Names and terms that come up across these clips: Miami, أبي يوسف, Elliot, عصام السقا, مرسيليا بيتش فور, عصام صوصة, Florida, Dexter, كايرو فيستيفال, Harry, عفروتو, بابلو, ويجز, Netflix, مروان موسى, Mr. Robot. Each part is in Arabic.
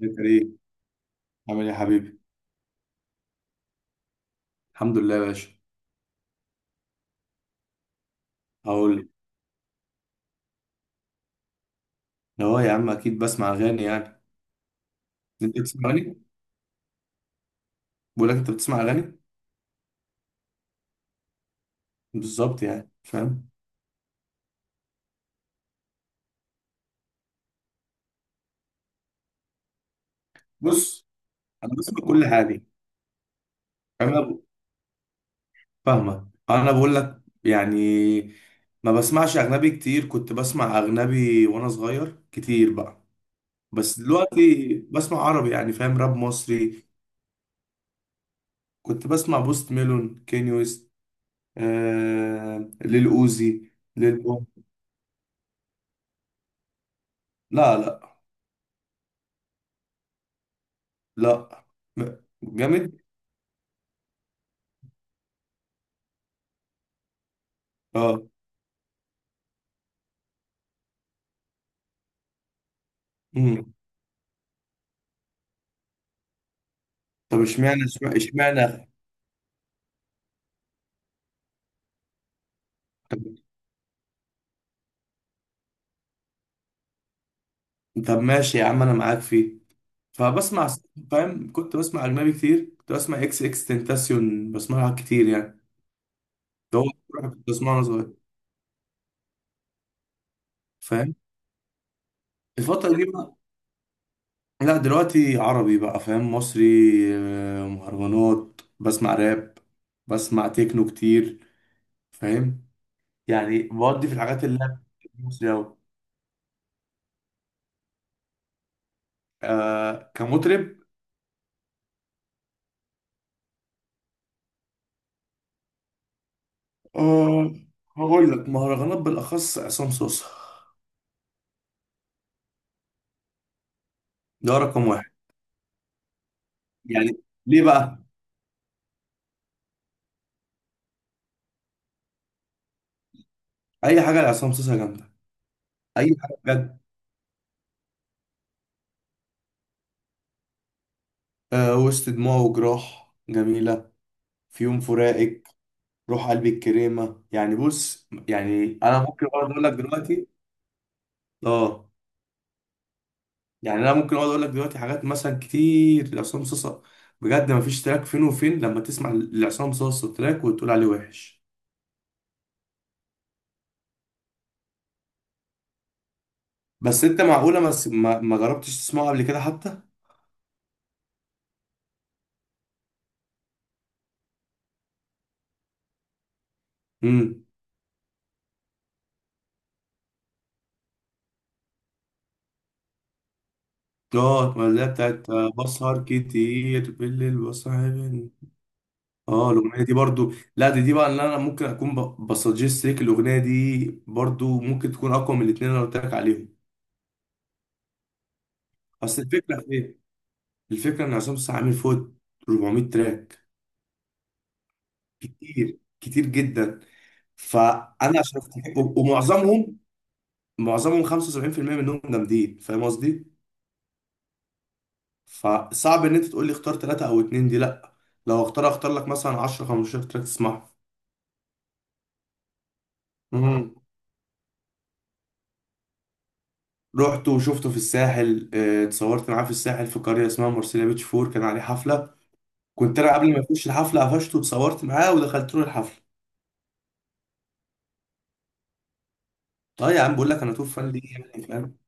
يا كريم، عامل ايه يا حبيبي؟ الحمد لله يا باشا. هقول لك. اه يا عم، اكيد بسمع اغاني يعني. انت بتسمع اغاني؟ بقول لك، انت بتسمع اغاني؟ بالظبط يعني، فاهم. بص، انا بسمع كل حاجه. انا ب- فاهمه، انا بقول لك يعني. ما بسمعش اجنبي كتير، كنت بسمع اجنبي وانا صغير كتير بقى. بس دلوقتي بسمع عربي، يعني فاهم، راب مصري. كنت بسمع بوست ميلون، كيني ويست، ليل اوزي، ليل بوم. لا، لا. لا. م- جامد. اه. امم. طب اشمعنى اشمعنى اشمعنى- طب. طب ماشي يا عم، انا معاك فيه، فبسمع. فاهم، كنت بسمع اجنبي كتير، كنت بسمع اكس اكس تنتاسيون، بسمعها كتير يعني. ده هو أكتر واحد كنت بسمعه وانا صغير، فاهم. الفترة دي بقى، لا دلوقتي عربي بقى، فاهم، مصري. مهرجانات، بسمع راب. بسمع تكنو كتير، فاهم. يعني بودي في الحاجات اللي مصري أوي. كمطرب. أه، هقول لك، مهرجانات بالأخص عصام صوصة. ده رقم واحد. يعني ليه بقى؟ أي حاجة لعصام صوصة جامدة. أي حاجة بجد. أه، وسط دموع وجراح جميلة، في يوم فراقك، روح قلبي الكريمة. يعني بص، يعني أنا ممكن أقعد أقول لك دلوقتي. أه، يعني أنا ممكن أقعد أقول لك دلوقتي حاجات مثلا كتير لعصام صوصة. بجد مفيش تراك فين وفين لما تسمع لعصام صوصة تراك وتقول عليه وحش. بس أنت معقولة ما جربتش تسمعه قبل كده حتى؟ مم. اه، اللي هي بتاعت بسهر كتير بالليل وصاحب. اه، الاغنيه دي برضو، لا دي بقى اللي انا ممكن اكون بسجست ليك، الاغنيه دي برضو ممكن تكون اقوى من الاثنين اللي انا قلت لك عليهم. اصل الفكره في ايه؟ الفكره ان عصام السقا عامل فوق 400 تراك، كتير كتير جدا. فانا عشان أفتكر- و- ومعظمهم معظمهم 75% منهم جامدين، فاهم قصدي. فصعب ان انت تقول لي اختار ثلاثه او اتنين دي، لا. لو اختار لك مثلا 10 15 تراك تسمعهم. رحت وشفته في الساحل، اتصورت معاه في الساحل في قرية اسمها مرسيليا بيتش فور، كان عليه حفلة. كنت انا قبل ما يخش الحفلة قفشته واتصورت معاه ودخلت له الحفلة. طيب يا عم بقول لك، انا توب فان ليه يعني، فاهم.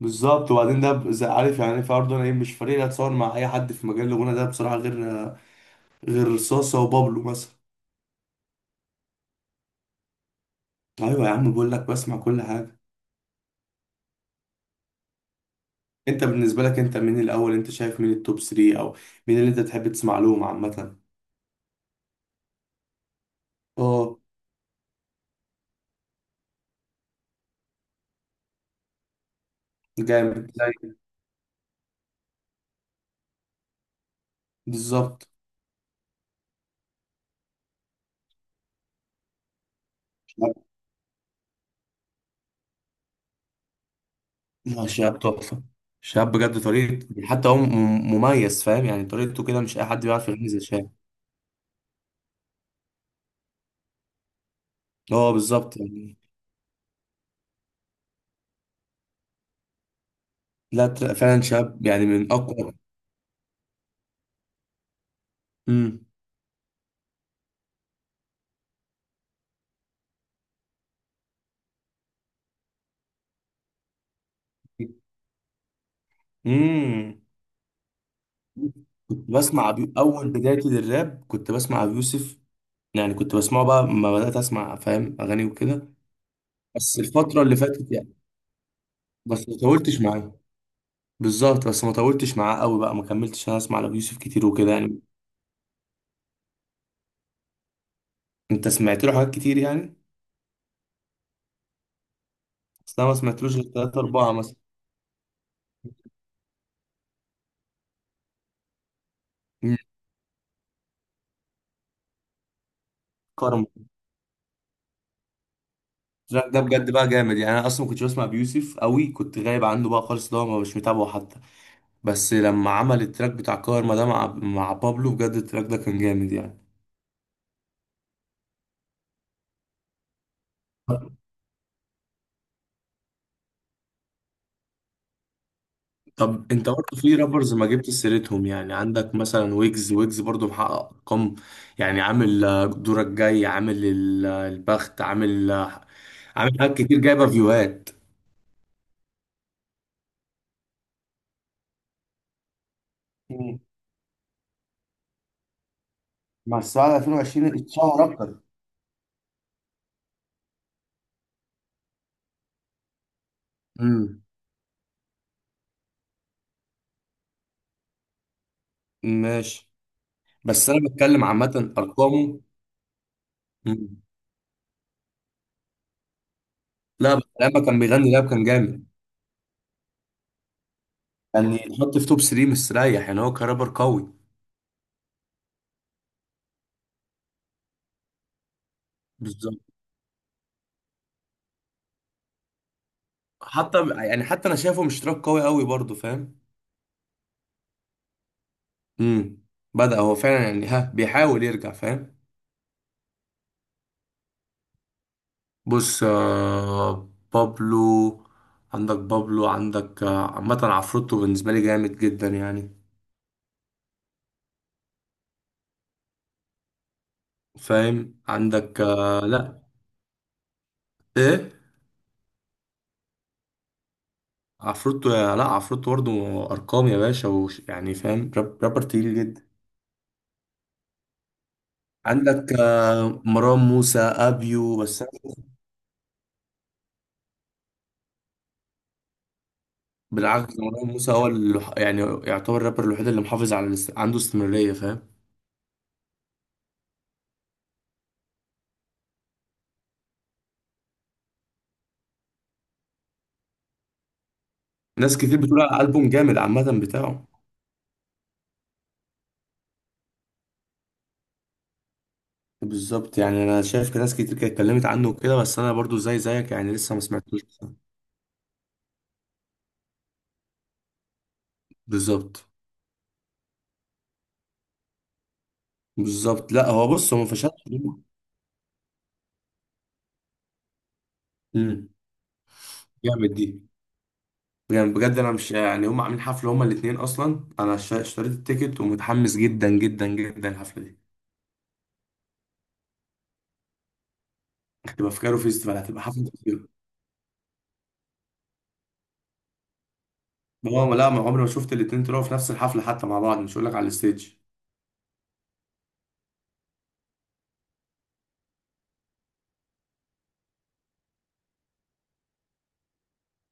بالظبط. وبعدين ده عارف يعني، في برضه انا ايه، مش فريق اتصور مع اي حد في مجال الغنى ده بصراحة، غير صاصة وبابلو مثلا. ايوه يا عم، بقول لك بسمع كل حاجة. انت بالنسبة لك، انت مين الاول؟ انت شايف مين التوب 3؟ او مين اللي انت تحب تسمع لهم عامة؟ اه، جامد زي، بالظبط. لا، شاب تحفة. شاب بجد، طريقة حتى هو مميز، فاهم يعني، طريقته كده مش أي حد بيعرف يغني زي شاب. هو بالظبط يعني. لا، تلاقي فعلا شاب يعني من أقوى. امم. امم. أول بدايتي للراب كنت بسمع أبي يوسف، يعني كنت بسمعه بقى لما بدأت أسمع، فاهم، أغاني وكده. بس الفترة اللي فاتت يعني، بس ما طولتش معاه. بالظبط، بس ما طولتش معاه قوي بقى، ما كملتش أنا أسمع لأبي يوسف كتير وكده يعني. أنت سمعت له حاجات كتير يعني. بس أنا ما سمعتلوش غير تلاتة أربعة مثلا. مم. كارما. التراك ده بجد بقى جامد يعني، انا اصلا ما كنتش بسمع بيوسف قوي، كنت غايب عنه بقى خالص، ده ما مش متابعه حتى. بس لما عمل التراك بتاع كارما ده مع بابلو، بجد التراك ده كان جامد يعني. طب انت برضه في رابرز ما جبت سيرتهم، يعني عندك مثلا ويجز برضه محقق ارقام، يعني عامل دورك جاي، عامل البخت، عامل عامل حاجات كتير، جايبه فيوهات. مم. بس بعد 2020 اتشهر اكتر. امم. ماشي. بس انا بتكلم عامه ارقامه. مم. لا، بس لما كان بيغني لاب كان جامد، يعني يتحط في توب 3 مستريح، يعني هو كرابر قوي. بالظبط. حتى يعني، حتى انا شايفه مش تراك قوي قوي برضه، فاهم. امم. بدأ هو فعلا يعني، ها بيحاول يرجع، فاهم. بص، آه، بابلو. عندك بابلو، عندك عامة عفروتو بالنسبة لي جامد جدا يعني، فاهم. عندك لا، ايه. عفروتو، لا عفروتو برضه، ارقام يا باشا، وش يعني، فاهم، رابر تقيل جدا. عندك مروان موسى ابيو، بس أنا بالعكس، مروان موسى هو اللي يعني يعتبر الرابر الوحيد اللي محافظ على عنده استمرارية، فاهم. ناس كتير بتقول على الألبوم جامد عامة بتاعه. بالظبط، يعني انا شايف ناس كتير كانت اتكلمت عنه وكده، بس انا برضو زي زيك يعني لسه ما سمعتوش. بالظبط. بالظبط، لا هو بص هو ما فشلش. امم. جامد دي. يعني بجد انا مش يعني، هم عاملين حفله هما الاثنين اصلا، انا اشتريت التيكت ومتحمس جدا جدا جدا الحفله دي. هتبقى في كايرو فيستيفال، هتبقى حفله. هو لا، ما عمري ما شفت الاتنين طلعوا في نفس الحفله حتى مع بعض، مش هقول لك على الستيج.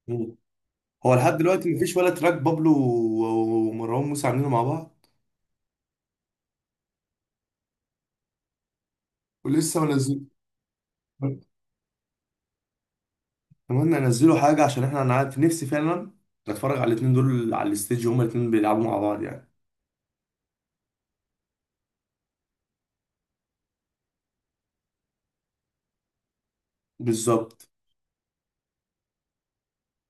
مم. هو لحد دلوقتي مفيش ولا تراك بابلو ومروان موسى عاملينه مع بعض، ولسه منزل. اتمنى ينزلوا حاجه عشان احنا، انا عارف نفسي فعلا اتفرج على الاتنين دول على الستيج وهما الاتنين بيلعبوا مع بعض يعني. بالظبط.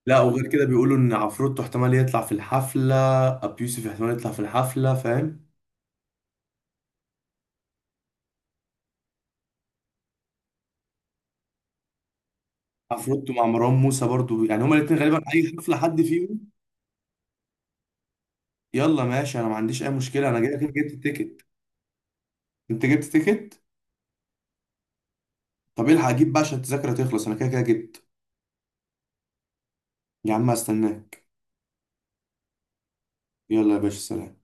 لا وغير كده بيقولوا ان عفروتو احتمال يطلع في الحفله، ابي يوسف احتمال يطلع في الحفله، فاهم. عفروتو مع مروان موسى برضو، يعني هما الاتنين غالبا اي حفله حد فيهم. يلا ماشي، انا ما عنديش اي مشكله، انا جاي كده جبت التيكت. انت جبت تيكت؟ طب الحق اجيب بقى عشان التذاكر هتخلص، انا كده كده جبت. يا عم استناك. يلا يا باشا، سلام.